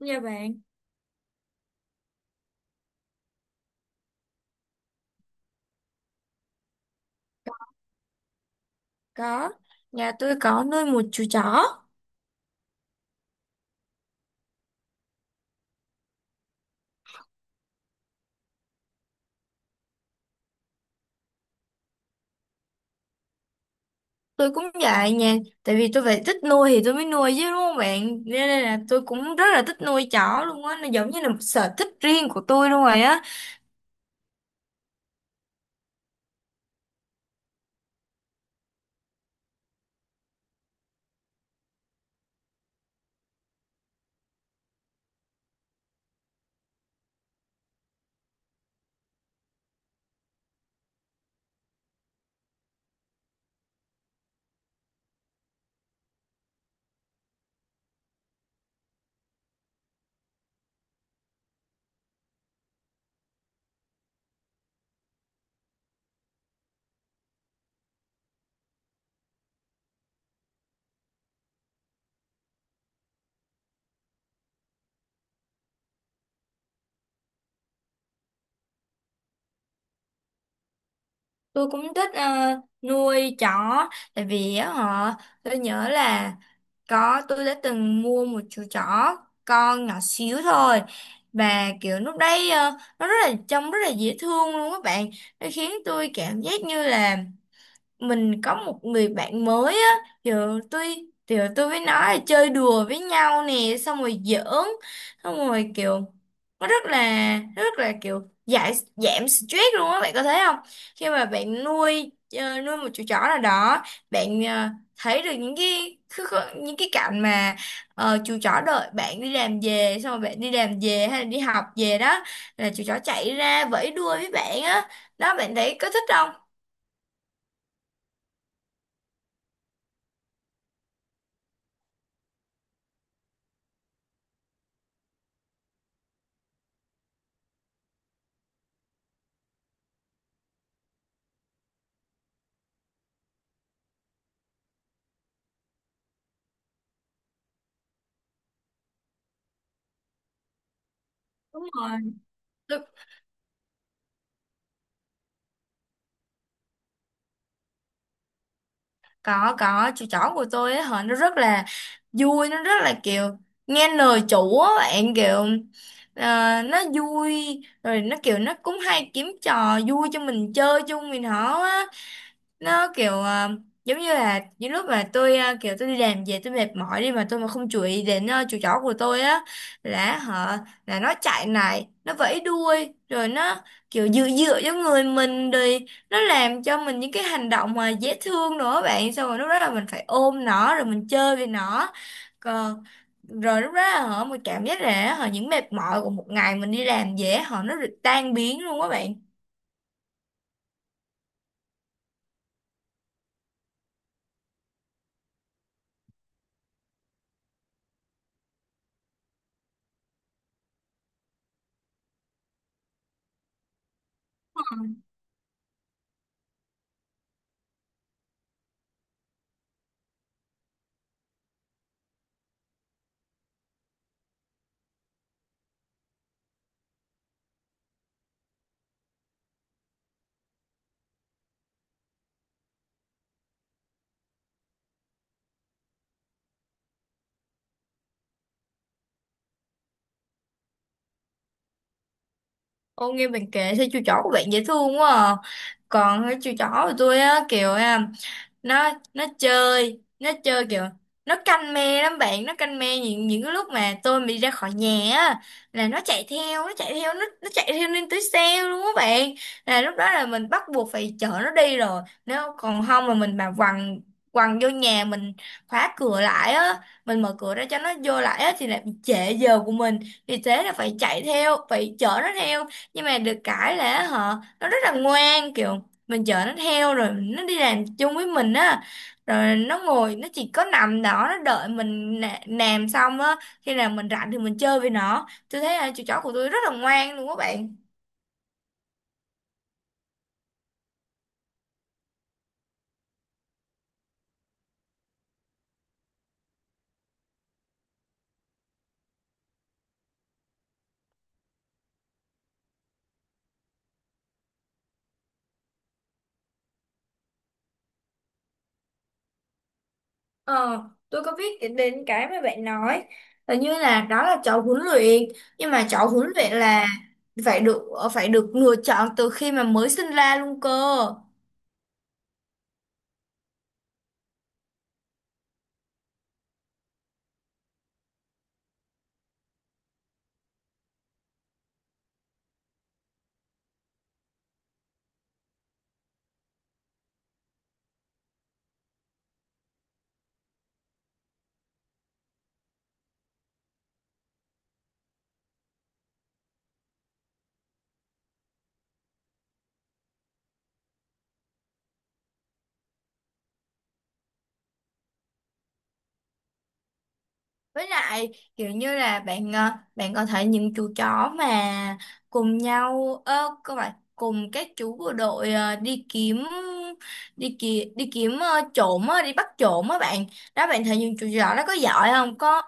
Dạ bạn, có. Nhà tôi có nuôi một chú chó. Tôi cũng vậy nha. Tại vì tôi phải thích nuôi thì tôi mới nuôi chứ đúng không bạn? Nên đây là tôi cũng rất là thích nuôi chó luôn á. Nó giống như là một sở thích riêng của tôi luôn rồi á. Tôi cũng thích nuôi chó. Tại vì á họ, tôi nhớ là có tôi đã từng mua một chú chó con nhỏ xíu thôi. Và kiểu lúc đấy nó rất là trông rất là dễ thương luôn các bạn. Nó khiến tôi cảm giác như là mình có một người bạn mới á giờ tôi thì tôi với nó là chơi đùa với nhau nè xong rồi giỡn xong rồi kiểu nó rất là kiểu giải giảm stress luôn á, bạn có thấy không? Khi mà bạn nuôi nuôi một chú chó nào đó bạn thấy được những cái những cái cảnh mà chú chó đợi bạn đi làm về, xong rồi bạn đi làm về hay là đi học về đó là chú chó chạy ra vẫy đuôi với bạn á, đó bạn thấy có thích không? Đúng rồi, có. Có chú chó của tôi ấy hả, nó rất là vui, nó rất là kiểu nghe lời chủ á bạn, kiểu nó vui rồi nó kiểu nó cũng hay kiếm trò vui cho mình chơi chung mình họ á. Nó kiểu giống như là những lúc mà tôi kiểu tôi đi làm về tôi mệt mỏi đi mà tôi mà không chú ý đến chú chó của tôi á là họ là nó chạy lại nó vẫy đuôi rồi nó kiểu dựa dựa cho người mình rồi nó làm cho mình những cái hành động mà dễ thương nữa bạn, xong rồi lúc đó là mình phải ôm nó rồi mình chơi với nó. Còn rồi lúc đó là họ mình cảm giác là họ những mệt mỏi của một ngày mình đi làm dễ họ nó được tan biến luôn á bạn. Ô nghe bạn kể sao chú chó của bạn dễ thương quá à. Còn cái chú chó của tôi á kiểu à, nó chơi nó chơi kiểu nó canh me lắm bạn, nó canh me những cái lúc mà tôi bị ra khỏi nhà á là nó chạy theo, nó chạy theo, nó chạy theo lên tới xe luôn á bạn, là lúc đó là mình bắt buộc phải chở nó đi rồi. Nếu còn không mà mình mà quằn quằn vô nhà mình khóa cửa lại á, mình mở cửa ra cho nó vô lại á thì lại bị trễ giờ của mình, vì thế là phải chạy theo, phải chở nó theo. Nhưng mà được cái là họ nó rất là ngoan, kiểu mình chở nó theo rồi nó đi làm chung với mình á, rồi nó ngồi nó chỉ có nằm đó nó đợi mình làm xong á, khi nào mình rảnh thì mình chơi với nó. Tôi thấy là chú chó của tôi rất là ngoan luôn các bạn. Ờ tôi có biết đến đến cái mà bạn nói là như là đó là chó huấn luyện. Nhưng mà chó huấn luyện là phải được, phải được lựa chọn từ khi mà mới sinh ra luôn cơ. Với lại kiểu như là bạn bạn có thể những chú chó mà cùng nhau ơ các bạn cùng các chú bộ đội đi kiếm, đi kiếm trộm á, đi bắt trộm á bạn. Đó bạn thấy những chú chó đó có giỏi không? Có,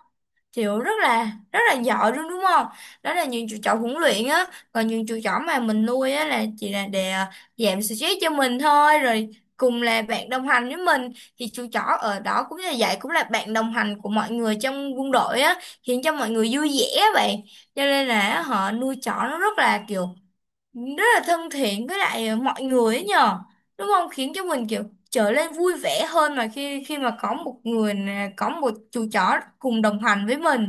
kiểu rất là giỏi luôn đúng không? Đó là những chú chó huấn luyện á, còn những chú chó mà mình nuôi á là chỉ là để giảm stress cho mình thôi, rồi cùng là bạn đồng hành với mình. Thì chú chó ở đó cũng như vậy, cũng là bạn đồng hành của mọi người trong quân đội á, khiến cho mọi người vui vẻ á bạn. Cho nên là họ nuôi chó nó rất là kiểu rất là thân thiện với lại mọi người ấy nhờ, đúng không? Khiến cho mình kiểu trở nên vui vẻ hơn mà, khi khi mà có một người nè, có một chú chó cùng đồng hành với mình.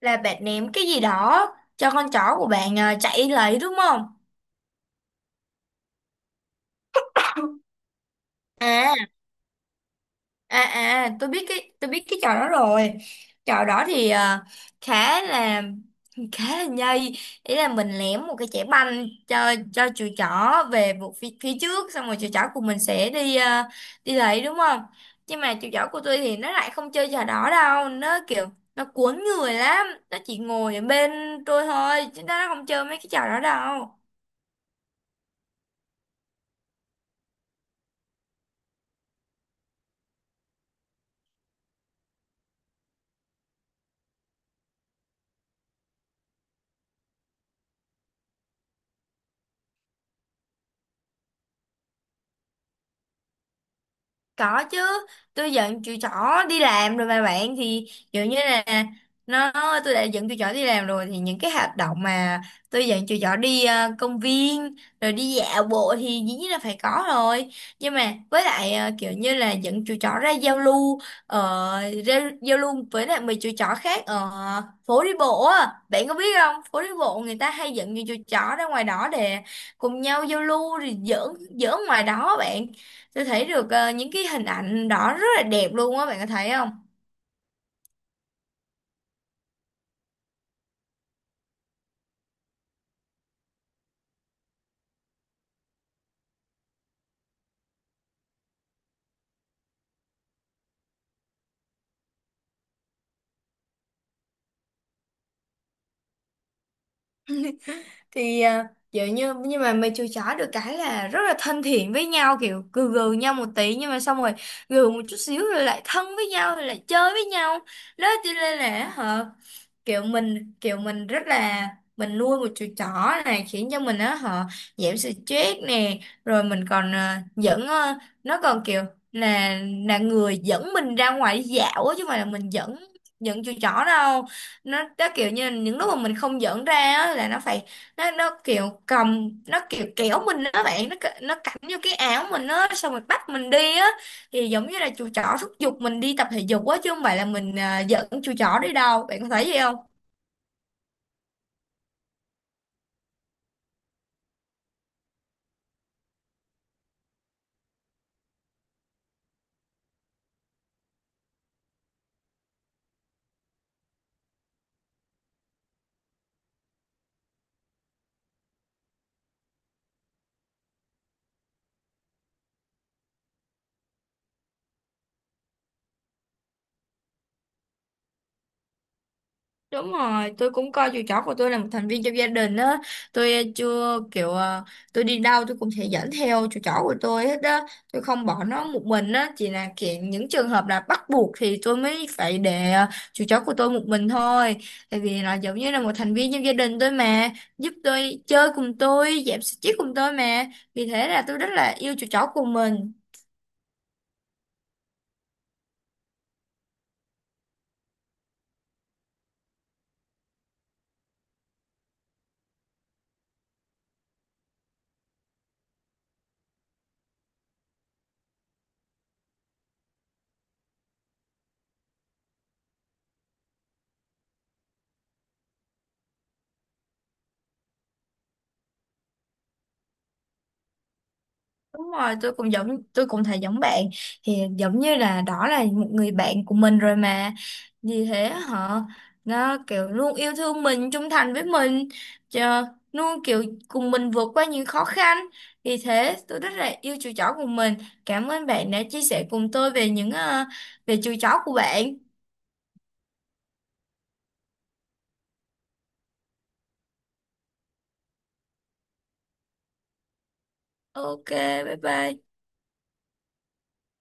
Là bạn ném cái gì đó cho con chó của bạn à, chạy lấy đúng không? À à, à tôi biết cái, tôi biết cái trò đó rồi. Trò đó thì à, khá là khá là nhây, ý là mình ném một cái chẻ banh cho chú chó về một phía, phía trước xong rồi chú chó của mình sẽ đi à, đi lấy đúng không? Nhưng mà chú chó của tôi thì nó lại không chơi trò đó đâu, nó kiểu nó cuốn người lắm, nó chỉ ngồi ở bên tôi thôi chứ nó không chơi mấy cái trò đó đâu. Có chứ, tôi dẫn chị trỏ đi làm rồi mà bạn, thì dụ như là nó tôi đã dẫn chị trỏ đi làm rồi thì những cái hoạt động mà tôi dẫn chị trỏ đi công viên rồi đi dạo bộ thì dĩ nhiên là phải có rồi. Nhưng mà với lại kiểu như là dẫn chị trỏ ra giao lưu ờ, ra giao lưu với lại mấy chị trỏ khác ở phố đi bộ á. Bạn có biết không? Phố đi bộ người ta hay dẫn những chú trỏ ra ngoài đó để cùng nhau giao lưu rồi giỡn giỡn ngoài đó bạn, tôi thấy được những cái hình ảnh đó rất là đẹp luôn á, bạn có thấy không? Thì à, kiểu như nhưng mà mày chui chó được cái là rất là thân thiện với nhau, kiểu gừ gừ nhau một tí nhưng mà xong rồi gừ một chút xíu rồi lại thân với nhau rồi lại chơi với nhau. Đó cho nên là hả, kiểu mình rất là mình nuôi một chú chó này khiến cho mình á họ giảm stress nè, rồi mình còn à, dẫn à, nó còn kiểu là là người dẫn mình ra ngoài đi dạo á chứ không phải là mình dẫn, dẫn chú chó đâu. Nó đó kiểu như những lúc mà mình không dẫn ra á là nó phải, nó kiểu cầm nó kiểu kéo mình đó bạn, nó cắm vô cái áo mình á xong rồi bắt mình đi á, thì giống như là chú chó thúc giục mình đi tập thể dục á chứ không phải là mình à, dẫn chú chó đi đâu, bạn có thấy gì không? Đúng rồi, tôi cũng coi chú chó của tôi là một thành viên trong gia đình á. Tôi chưa kiểu tôi đi đâu tôi cũng sẽ dẫn theo chú chó của tôi hết á. Tôi không bỏ nó một mình á, chỉ là kiểu những trường hợp là bắt buộc thì tôi mới phải để chú chó của tôi một mình thôi. Tại vì nó giống như là một thành viên trong gia đình tôi mà, giúp tôi chơi cùng tôi, giảm stress cùng tôi mà. Vì thế là tôi rất là yêu chú chó của mình. Đúng rồi, tôi cũng giống, tôi cũng thấy giống bạn, thì giống như là đó là một người bạn của mình rồi mà, vì thế họ nó kiểu luôn yêu thương mình, trung thành với mình chờ, luôn kiểu cùng mình vượt qua những khó khăn, vì thế tôi rất là yêu chú chó của mình. Cảm ơn bạn đã chia sẻ cùng tôi về những về chú chó của bạn. OK, bye bye.